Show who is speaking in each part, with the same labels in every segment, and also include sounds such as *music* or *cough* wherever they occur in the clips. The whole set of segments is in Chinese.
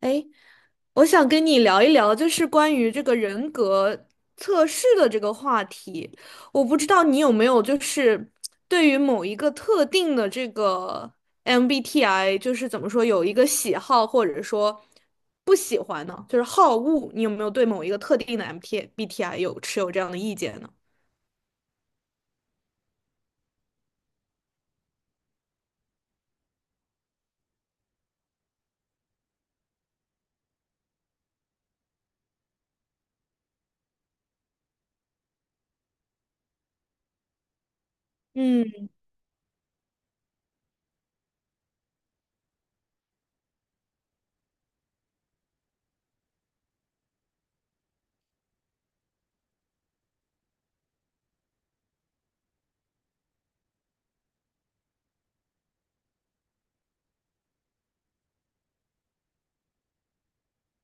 Speaker 1: 哎，我想跟你聊一聊，就是关于这个人格测试的这个话题。我不知道你有没有，就是对于某一个特定的这个 MBTI，就是怎么说，有一个喜好或者说不喜欢呢？就是好恶，你有没有对某一个特定的 MBTI t B T I 有持有这样的意见呢？嗯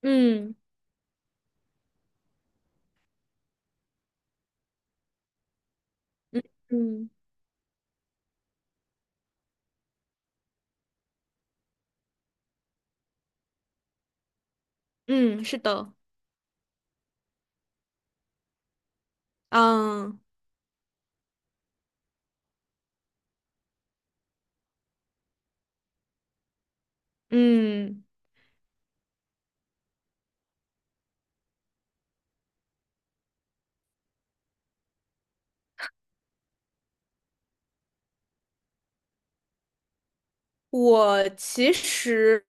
Speaker 1: 嗯嗯嗯嗯，是的，嗯嗯。我其实，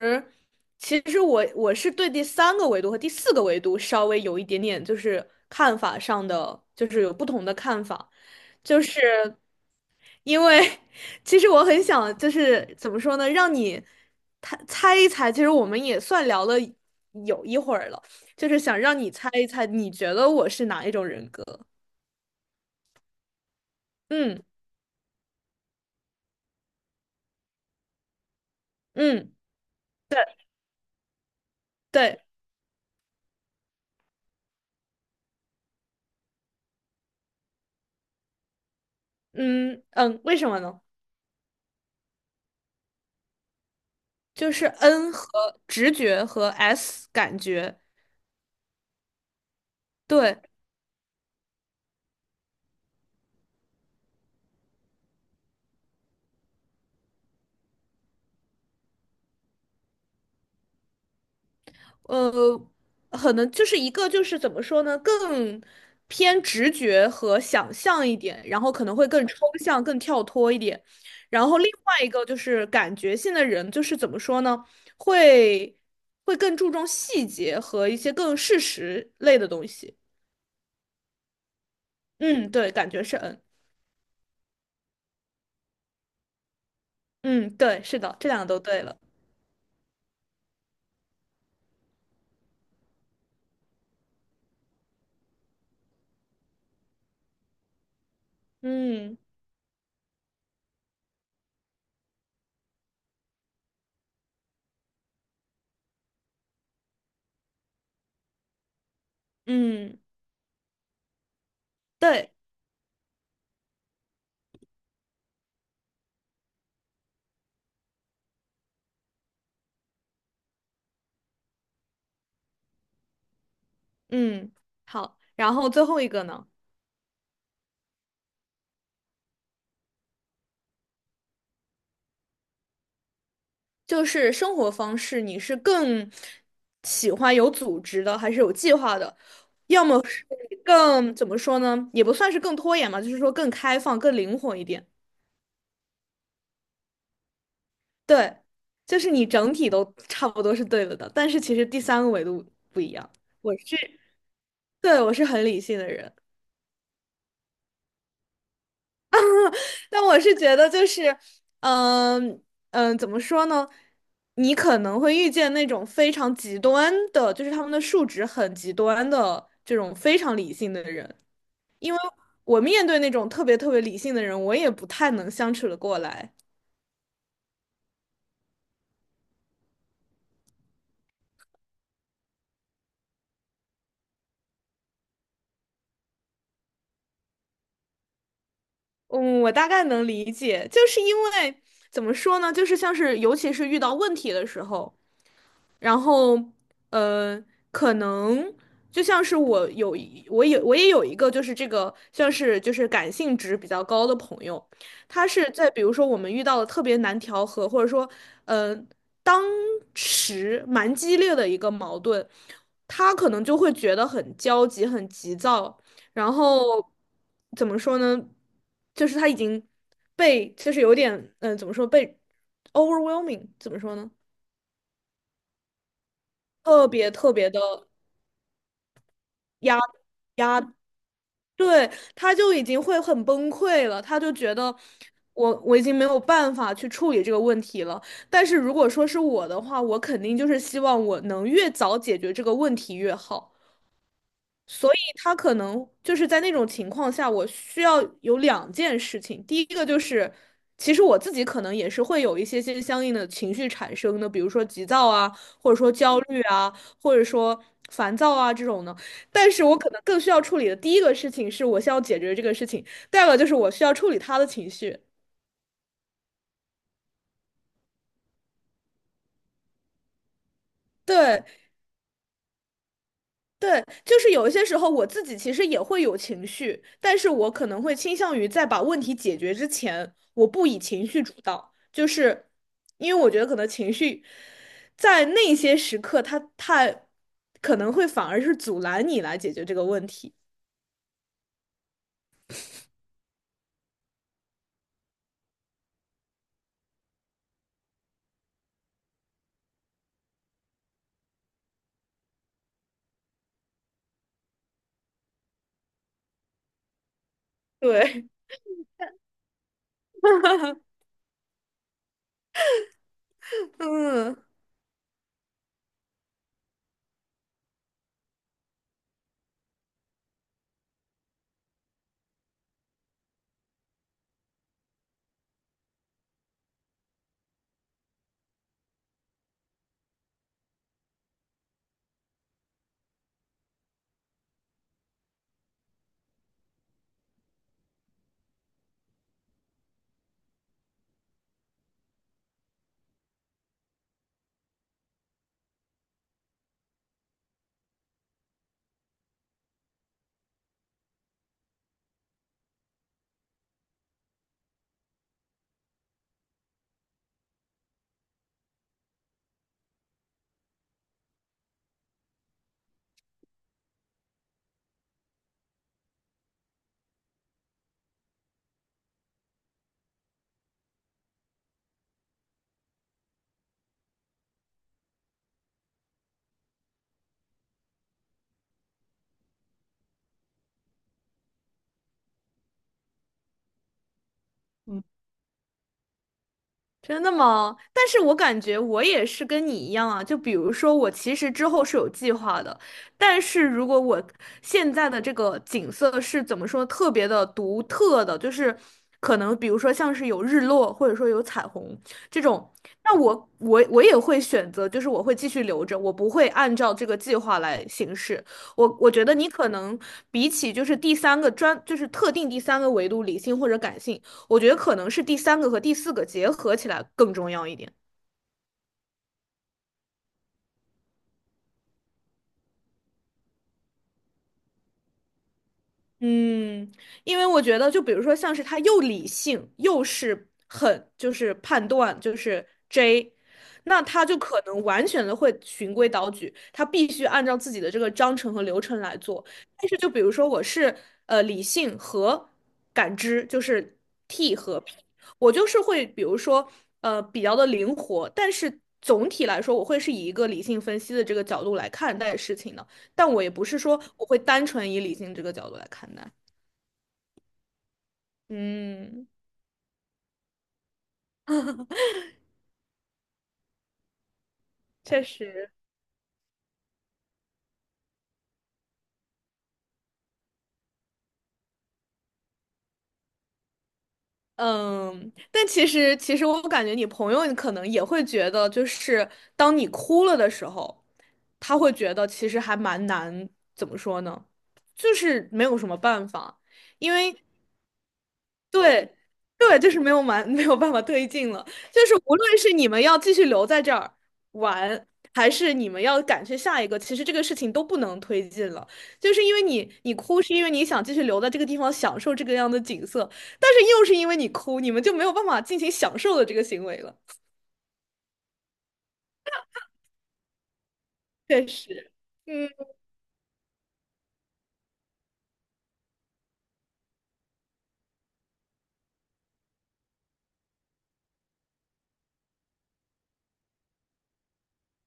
Speaker 1: 其实我我是对第三个维度和第四个维度稍微有一点点，就是看法上的，就是有不同的看法，就是因为 *laughs* 其实我很想，就是怎么说呢，让你猜一猜。其实我们也算聊了有一会儿了，就是想让你猜一猜，你觉得我是哪一种人格？嗯嗯，对对，嗯嗯，为什么呢？就是 N 和直觉和 S 感觉，对，呃，可能就是一个就是怎么说呢，更偏直觉和想象一点，然后可能会更抽象、更跳脱一点。然后另外一个就是感觉性的人，就是怎么说呢，会会更注重细节和一些更事实类的东西。嗯，对，感觉是 N。嗯，对，是的，这两个都对了。嗯嗯，对。嗯，好，然后最后一个呢，就是生活方式，你是更喜欢有组织的，还是有计划的？要么是更，怎么说呢，也不算是更拖延嘛，就是说更开放、更灵活一点。对，就是你整体都差不多是对了的，但是其实第三个维度不一样。我是，对，我是很理性的人。但我是觉得就是，嗯嗯，怎么说呢？你可能会遇见那种非常极端的，就是他们的数值很极端的这种非常理性的人。我面对那种特别特别理性的人，我也不太能相处的过来。嗯，我大概能理解，就是因为怎么说呢？就是像是尤其是遇到问题的时候。然后呃，可能就像是我也有一个就是这个像是就是感性值比较高的朋友，他是在比如说我们遇到了特别难调和，或者说呃当时蛮激烈的一个矛盾，他可能就会觉得很焦急、很急躁，然后怎么说呢？就是他已经被就是有点怎么说被 overwhelming 怎么说呢？特别特别的压压，对，他就已经会很崩溃了，他就觉得我已经没有办法去处理这个问题了。但是如果说是我的话，我肯定就是希望我能越早解决这个问题越好。所以他可能就是在那种情况下，我需要有两件事情。第一个就是，其实我自己可能也是会有一些相应的情绪产生的，比如说急躁啊，或者说焦虑啊，或者说烦躁啊这种的。但是我可能更需要处理的第一个事情是，我需要解决这个事情；第二个就是我需要处理他的情绪。对，对，就是有一些时候我自己其实也会有情绪，但是我可能会倾向于在把问题解决之前，我不以情绪主导，就是因为我觉得可能情绪在那些时刻它，太可能会反而是阻拦你来解决这个问题。对，*laughs* 嗯。真的吗？但是我感觉我也是跟你一样啊，就比如说我其实之后是有计划的，但是如果我现在的这个景色是怎么说特别的独特的，就是可能比如说像是有日落或者说有彩虹这种，那我也会选择，就是我会继续留着，我不会按照这个计划来行事。我觉得你可能比起就是第三个专，就是特定第三个维度理性或者感性。我觉得可能是第三个和第四个结合起来更重要一点。嗯因为我觉得，就比如说，像是他又理性，又是很就是判断，就是 J，那他就可能完全的会循规蹈矩，他必须按照自己的这个章程和流程来做。但是，就比如说我是理性和感知，就是 T 和。我就是会，比如说，比较的灵活，但是总体来说，我会是以一个理性分析的这个角度来看待事情的。但我也不是说我会单纯以理性这个角度来看待。嗯，确实。嗯，但其实我感觉你朋友可能也会觉得，就是当你哭了的时候，他会觉得其实还蛮难，怎么说呢？就是没有什么办法，因为对，对，就是没有蛮 *laughs* 没有办法推进了。就是无论是你们要继续留在这儿玩，还是你们要赶去下一个，其实这个事情都不能推进了。就是因为你哭，是因为你想继续留在这个地方享受这个样的景色，但是又是因为你哭，你们就没有办法进行享受的这个行为了。确实，嗯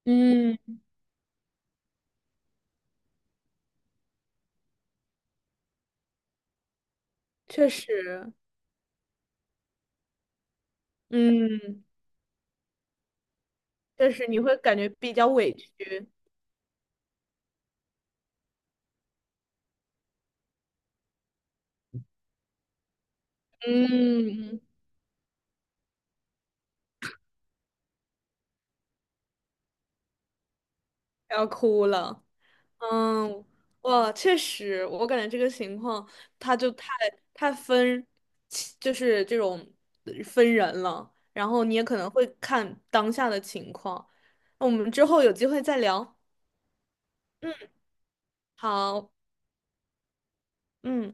Speaker 1: 嗯，确实，嗯，确实你会感觉比较委屈，嗯，要哭了。嗯，哇，确实，我感觉这个情况，他就太分，就是这种分人了。然后你也可能会看当下的情况。那我们之后有机会再聊。嗯，好，嗯。